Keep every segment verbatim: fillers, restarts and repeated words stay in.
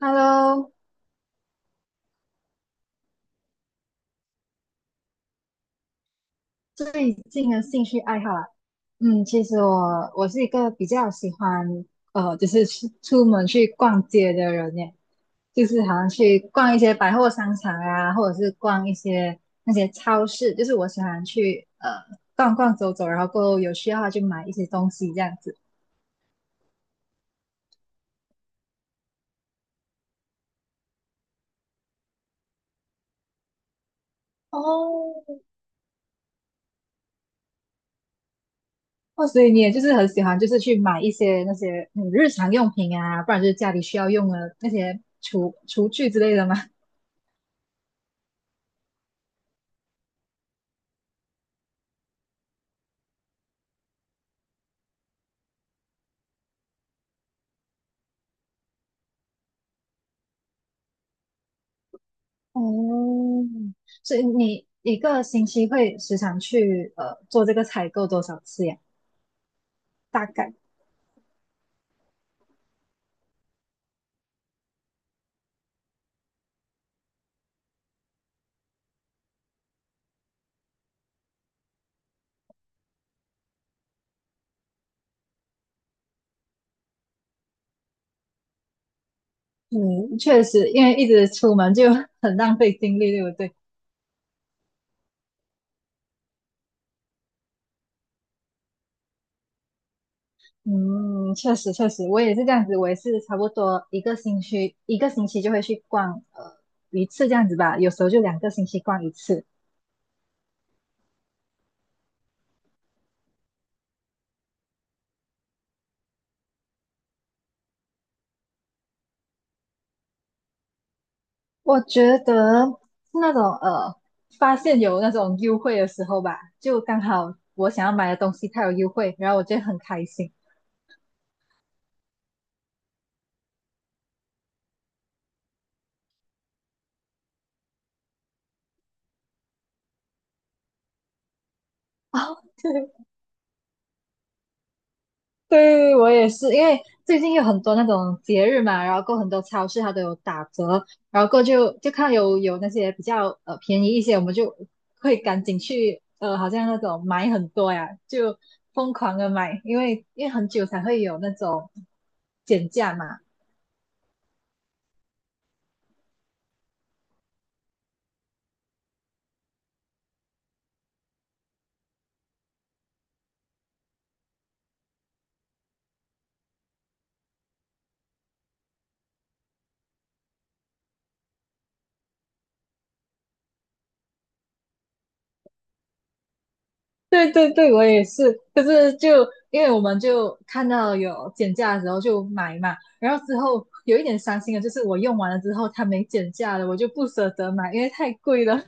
Hello,最近的兴趣爱好啊，嗯，其实我我是一个比较喜欢呃，就是去出门去逛街的人耶，就是好像去逛一些百货商场啊，或者是逛一些那些超市，就是我喜欢去呃逛逛走走，然后过后有需要的话就买一些东西这样子。哦，哦，所以你也就是很喜欢，就是去买一些那些嗯日常用品啊，不然就是家里需要用的那些厨厨具之类的吗？哦，所以你一个星期会时常去呃做这个采购多少次呀？大概，嗯，确实，因为一直出门就 很浪费精力，对不对？嗯，确实确实，我也是这样子，我也是差不多一个星期一个星期就会去逛呃一次这样子吧，有时候就两个星期逛一次。我觉得是那种呃，发现有那种优惠的时候吧，就刚好我想要买的东西它有优惠，然后我就会很开心。哦，对，我也是，因为最近有很多那种节日嘛，然后过很多超市它都有打折，然后过就就看有有那些比较呃便宜一些，我们就会赶紧去呃，好像那种买很多呀，就疯狂的买，因为因为很久才会有那种减价嘛。对对对，我也是，可是就因为我们就看到有减价的时候就买嘛，然后之后有一点伤心的就是我用完了之后它没减价了，我就不舍得买，因为太贵了。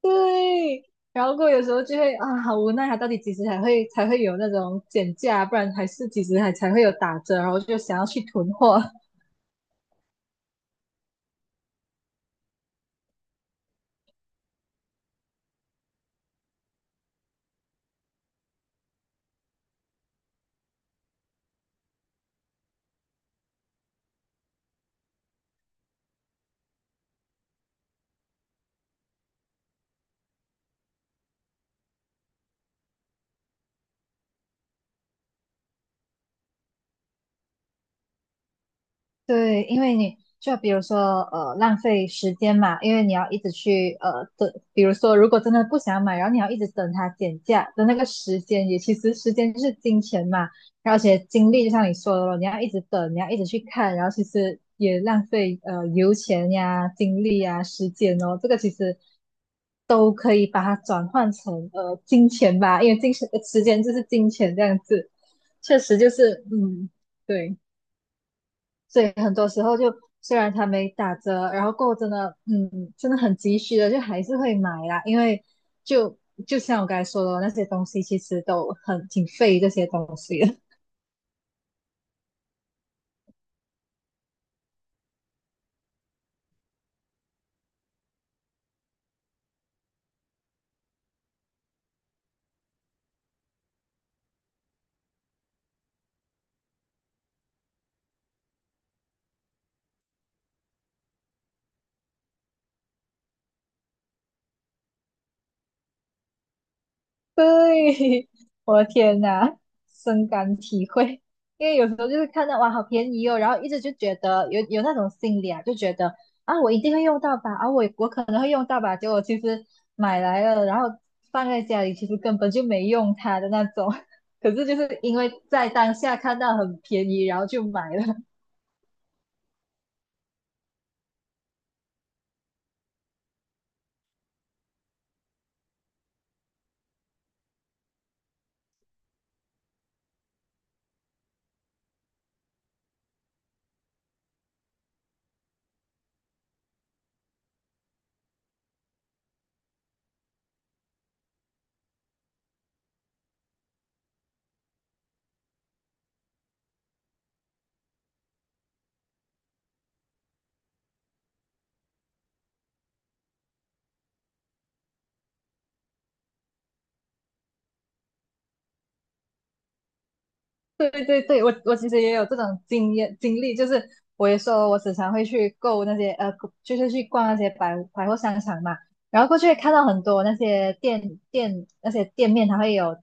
对，然后过后有时候就会啊，好无奈啊，他到底几时才会才会有那种减价，不然还是几时还才会有打折，然后就想要去囤货。对，因为你就比如说呃浪费时间嘛，因为你要一直去呃等，比如说如果真的不想买，然后你要一直等它减价的那个时间，也其实时间就是金钱嘛，然后而且精力就像你说的咯，你要一直等，你要一直去看，然后其实也浪费呃油钱呀、精力呀、时间哦，这个其实。把它转换成呃金钱吧，因为金钱呃时间就是金钱这样子，确实就是嗯对，所以很多时候就虽然它没打折，然后过后真的嗯真的很急需的，就还是会买啦，因为就就像我刚才说的，那些东西其实都很挺费这些东西的。对，我的天呐，深感体会。因为有时候就是看到哇，好便宜哦，然后一直就觉得有有那种心理啊，就觉得啊，我一定会用到吧，啊，我我可能会用到吧，结果其实买来了，然后放在家里，其实根本就没用它的那种。可是就是因为在当下看到很便宜，然后就买了。对对对，我我其实也有这种经验经历，就是我也说我时常会去购那些呃，就是去逛那些百百货商场嘛，然后过去会看到很多那些店店那些店面，它会有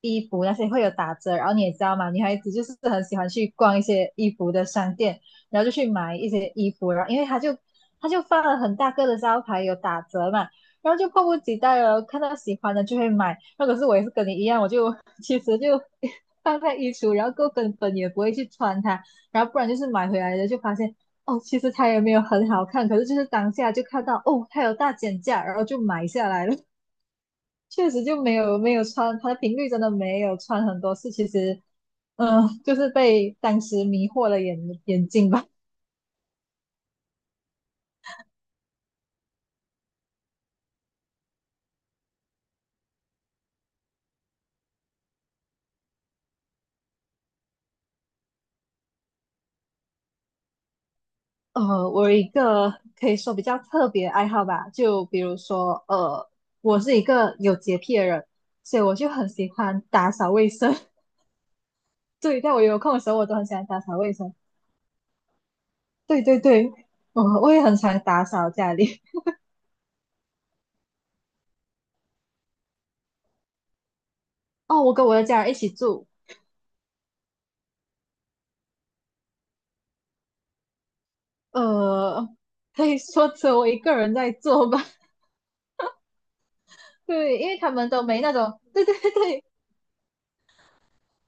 衣服那些会有打折，然后你也知道嘛，女孩子就是很喜欢去逛一些衣服的商店，然后就去买一些衣服，然后因为它就它就放了很大个的招牌有打折嘛，然后就迫不及待了，看到喜欢的就会买。那可是我也是跟你一样，我就其实就 放在衣橱，然后够根本也不会去穿它，然后不然就是买回来的就发现哦，其实它也没有很好看，可是就是当下就看到哦，它有大减价，然后就买下来了。确实就没有没有穿，它的频率真的没有穿很多次，其实嗯、呃就是被当时迷惑了眼眼睛吧。呃，我有一个可以说比较特别的爱好吧，就比如说，呃，我是一个有洁癖的人，所以我就很喜欢打扫卫生。对，在我有空的时候，我都很喜欢打扫卫生。对对对，我我也很常打扫家里。哦，我跟我的家人一起住，呃，可以说只有我一个人在做吧。对，因为他们都没那种，对对对，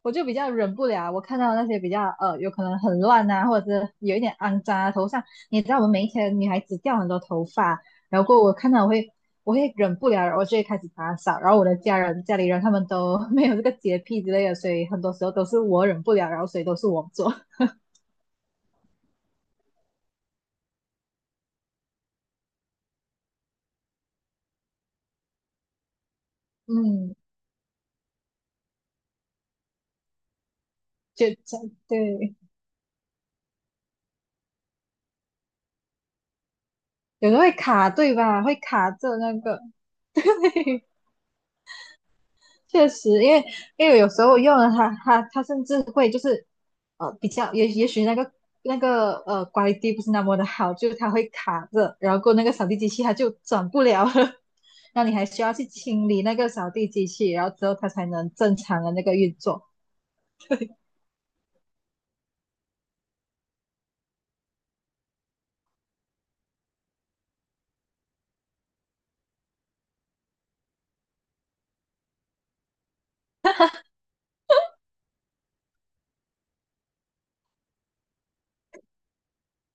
我就比较忍不了，我看到那些比较呃，有可能很乱啊，或者是有一点肮脏啊，头上你知道我们每一天女孩子掉很多头发，然后我看到我会我会忍不了，然后就会开始打扫，然后我的家人家里人他们都 没有这个洁癖之类的，所以很多时候都是我忍不了，然后所以都是我做，嗯，就对，有时候会卡对吧？会卡着那个，对。确实，因为因为有时候用了它，它它甚至会就是呃比较也也许那个那个呃 q u a 不是那么的好，就是它会卡着，然后过那个扫地机器它就转不了了，那你还需要去清理那个扫地机器，然后之后它才能正常的那个运作。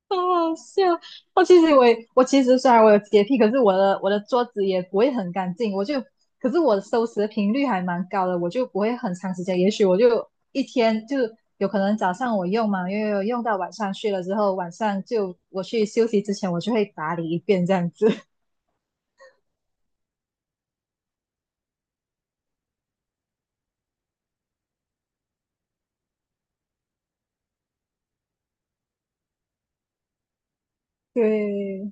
好好笑！我其实我也，我其实虽然我有洁癖，可是我的我的桌子也不会很干净，我就，可是我收拾的频率还蛮高的，我就不会很长时间，也许我就一天就有可能早上我用嘛，因为用到晚上去了之后，晚上就我去休息之前，我就会打理一遍这样子。对，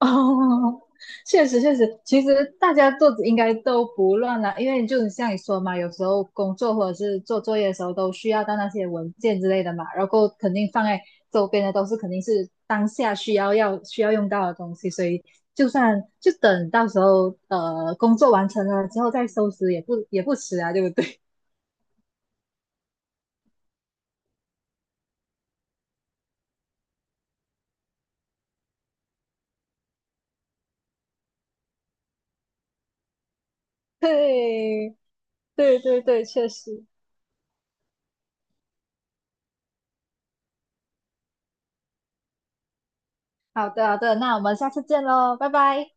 哦，确实确实，其实大家做应该都不乱啦，因为就像你说嘛，有时候工作或者是做作业的时候都需要到那些文件之类的嘛，然后肯定放在周边的都是肯定是当下需要要需要用到的东西，所以就算就等到时候呃工作完成了之后再收拾也不也不迟啊，对不对？对对对对，确实。好的好的，那我们下次见喽，拜拜。